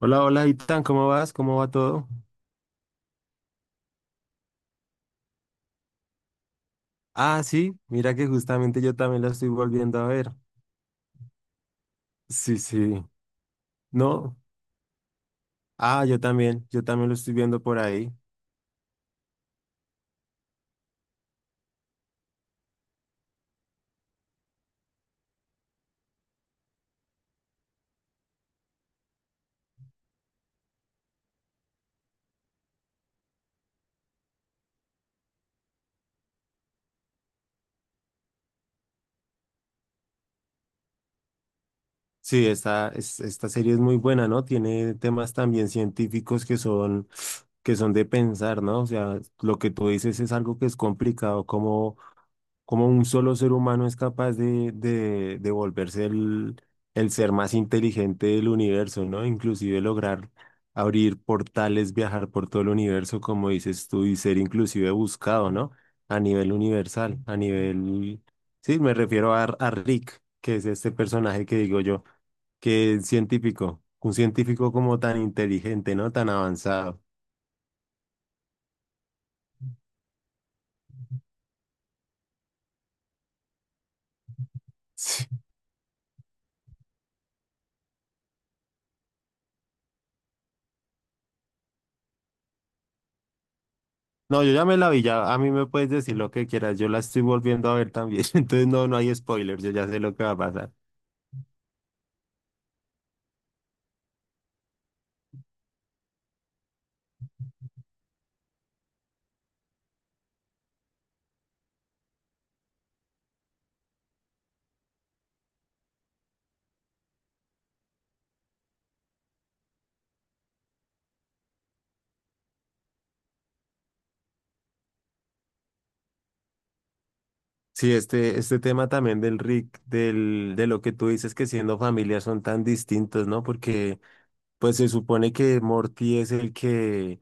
Hola, hola, Itan, ¿cómo vas? ¿Cómo va todo? Ah, sí, mira que justamente yo también la estoy volviendo a ver. Sí, sí. No, ah, yo también lo estoy viendo por ahí. Sí, esta serie es muy buena, ¿no? Tiene temas también científicos que son de pensar, ¿no? O sea, lo que tú dices es algo que es complicado, como un solo ser humano es capaz de volverse el ser más inteligente del universo, ¿no? Inclusive lograr abrir portales, viajar por todo el universo, como dices tú, y ser inclusive buscado, ¿no? A nivel universal, a nivel. Sí, me refiero a Rick, que es este personaje que digo yo, que es científico, un científico como tan inteligente, ¿no? Tan avanzado. No, yo ya me la vi, ya a mí me puedes decir lo que quieras, yo la estoy volviendo a ver también, entonces no, no hay spoilers, yo ya sé lo que va a pasar. Sí, este tema también del Rick, de lo que tú dices que siendo familia son tan distintos, ¿no? Porque pues se supone que Morty es el que,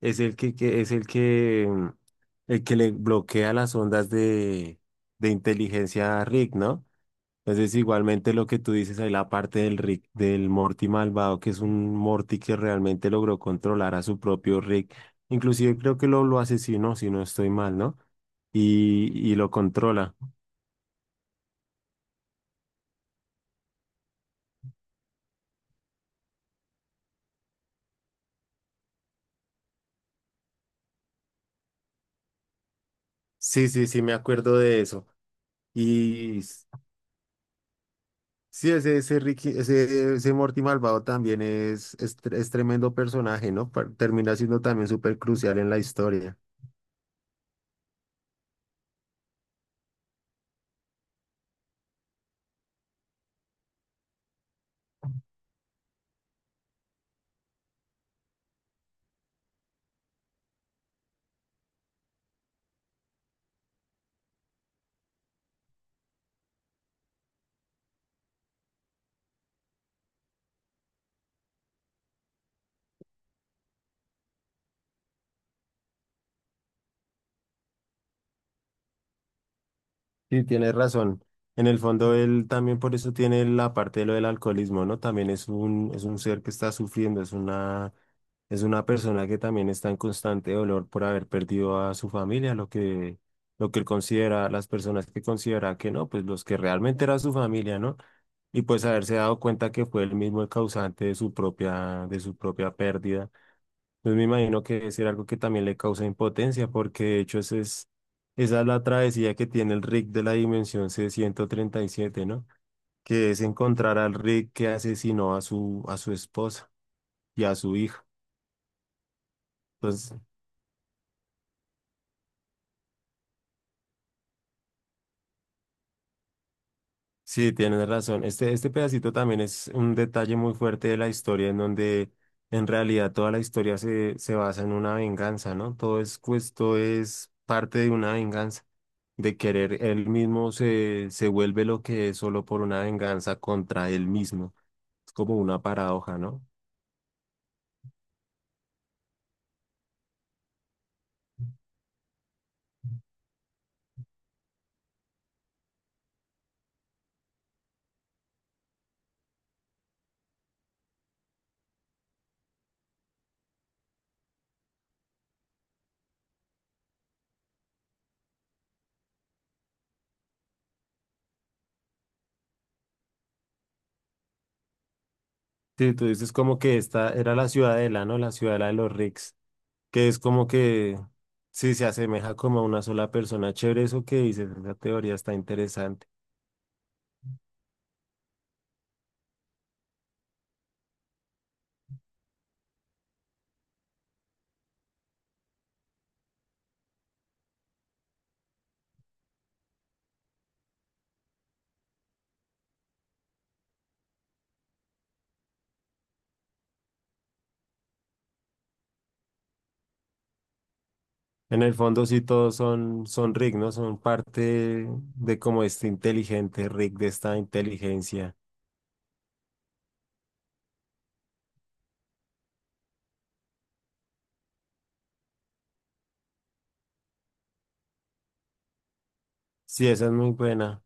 es el que, que- es el que, mm, el que le bloquea las ondas de inteligencia a Rick, ¿no? Entonces, igualmente lo que tú dices ahí, la parte del Rick, del Morty malvado, que es un Morty que realmente logró controlar a su propio Rick. Inclusive creo que lo asesinó, si no estoy mal, ¿no? Y lo controla. Sí, sí, sí, me acuerdo de eso. Y s- sí, ese Ricky, ese Morty malvado también es tremendo personaje, ¿no? Termina siendo también súper crucial en la historia. Sí, tienes razón. En el fondo, él también por eso tiene la parte de lo del alcoholismo, ¿no? También es un ser que está sufriendo, es una persona que también está en constante dolor por haber perdido a su familia, lo que él considera, las personas que considera que no, pues los que realmente era su familia, ¿no? Y pues haberse dado cuenta que fue él mismo el causante de su propia pérdida. Pues me imagino que debe ser algo que también le causa impotencia, porque de hecho ese es, esa es la travesía que tiene el Rick de la dimensión C-137, ¿no? Que es encontrar al Rick que asesinó a su esposa y a su hijo. Entonces, sí, tienes razón. Este pedacito también es un detalle muy fuerte de la historia, en donde en realidad toda la historia se basa en una venganza, ¿no? Todo es, pues, todo es parte de una venganza. De querer él mismo se vuelve lo que es solo por una venganza contra él mismo. Es como una paradoja, ¿no? Sí, tú dices como que esta era la ciudadela, ¿no? La ciudadela de los Ricks, que es como que sí se asemeja como a una sola persona. Chévere eso que dices, esa teoría está interesante. En el fondo sí todos son Rick, ¿no? Son parte de como este inteligente Rick, de esta inteligencia. Sí, esa es muy buena.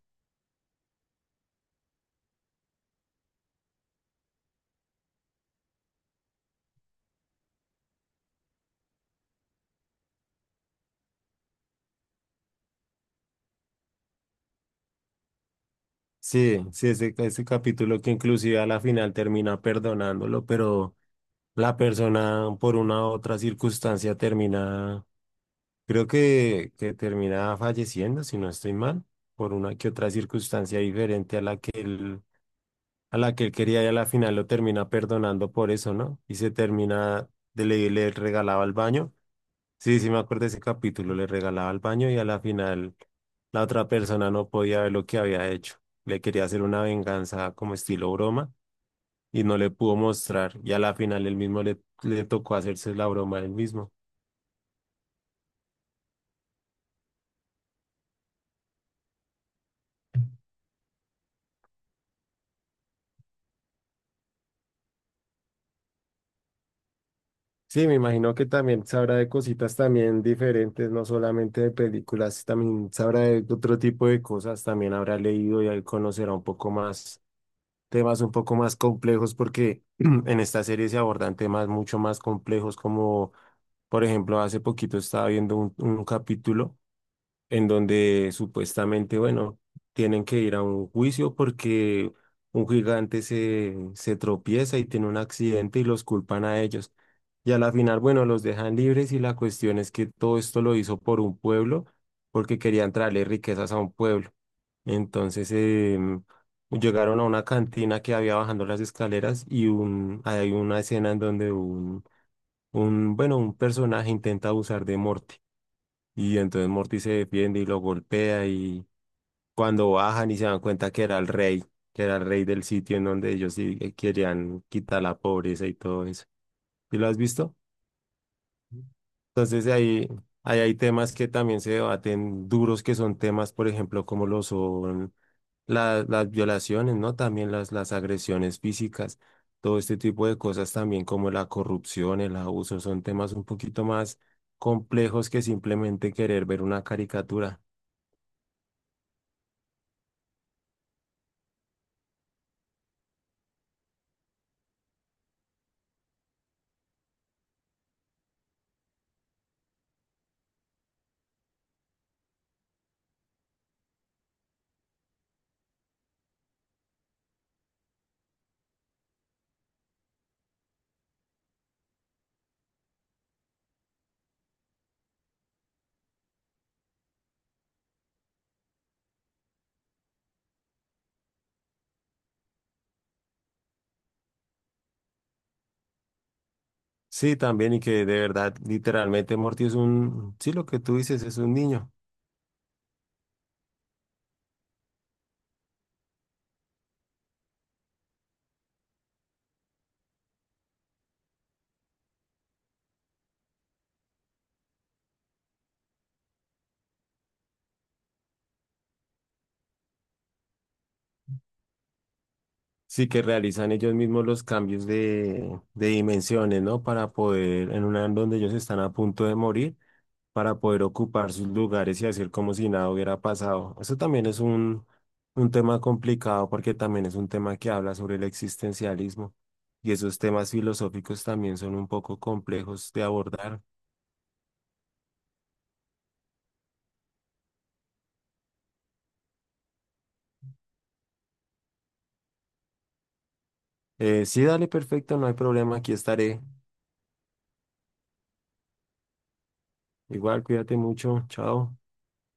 Sí, sí, ese capítulo que inclusive a la final termina perdonándolo, pero la persona por una u otra circunstancia termina, creo que termina falleciendo, si no estoy mal, por una que otra circunstancia diferente a la que él quería y a la final lo termina perdonando por eso, ¿no? Y se termina, le regalaba el baño. Sí, sí, me acuerdo de ese capítulo, le regalaba al baño y a la final la otra persona no podía ver lo que había hecho. Le quería hacer una venganza como estilo broma y no le pudo mostrar y a la final él mismo le tocó hacerse la broma él mismo. Sí, me imagino que también sabrá de cositas también diferentes, no solamente de películas, también sabrá de otro tipo de cosas, también habrá leído y él conocerá un poco más temas un poco más complejos porque en esta serie se abordan temas mucho más complejos como, por ejemplo, hace poquito estaba viendo un capítulo en donde supuestamente, bueno, tienen que ir a un juicio porque un gigante se tropieza y tiene un accidente y los culpan a ellos. Y a la final, bueno, los dejan libres y la cuestión es que todo esto lo hizo por un pueblo porque querían traerle riquezas a un pueblo. Entonces, llegaron a una cantina que había bajando las escaleras hay una escena en donde bueno, un personaje intenta abusar de Morty. Y entonces Morty se defiende y lo golpea y cuando bajan y se dan cuenta que era el rey, que era el rey del sitio en donde ellos sí querían quitar la pobreza y todo eso. ¿Y lo has visto? Entonces ahí, ahí hay temas que también se debaten duros, que son temas, por ejemplo, como lo son las violaciones, ¿no? También las agresiones físicas, todo este tipo de cosas también como la corrupción, el abuso, son temas un poquito más complejos que simplemente querer ver una caricatura. Sí, también y que de verdad, literalmente Morty sí, lo que tú dices es un niño. Sí, que realizan ellos mismos los cambios de dimensiones, ¿no? Para poder, en una en donde ellos están a punto de morir, para poder ocupar sus lugares y hacer como si nada hubiera pasado. Eso también es un tema complicado porque también es un tema que habla sobre el existencialismo y esos temas filosóficos también son un poco complejos de abordar. Sí, dale, perfecto, no hay problema, aquí estaré. Igual, cuídate mucho. Chao.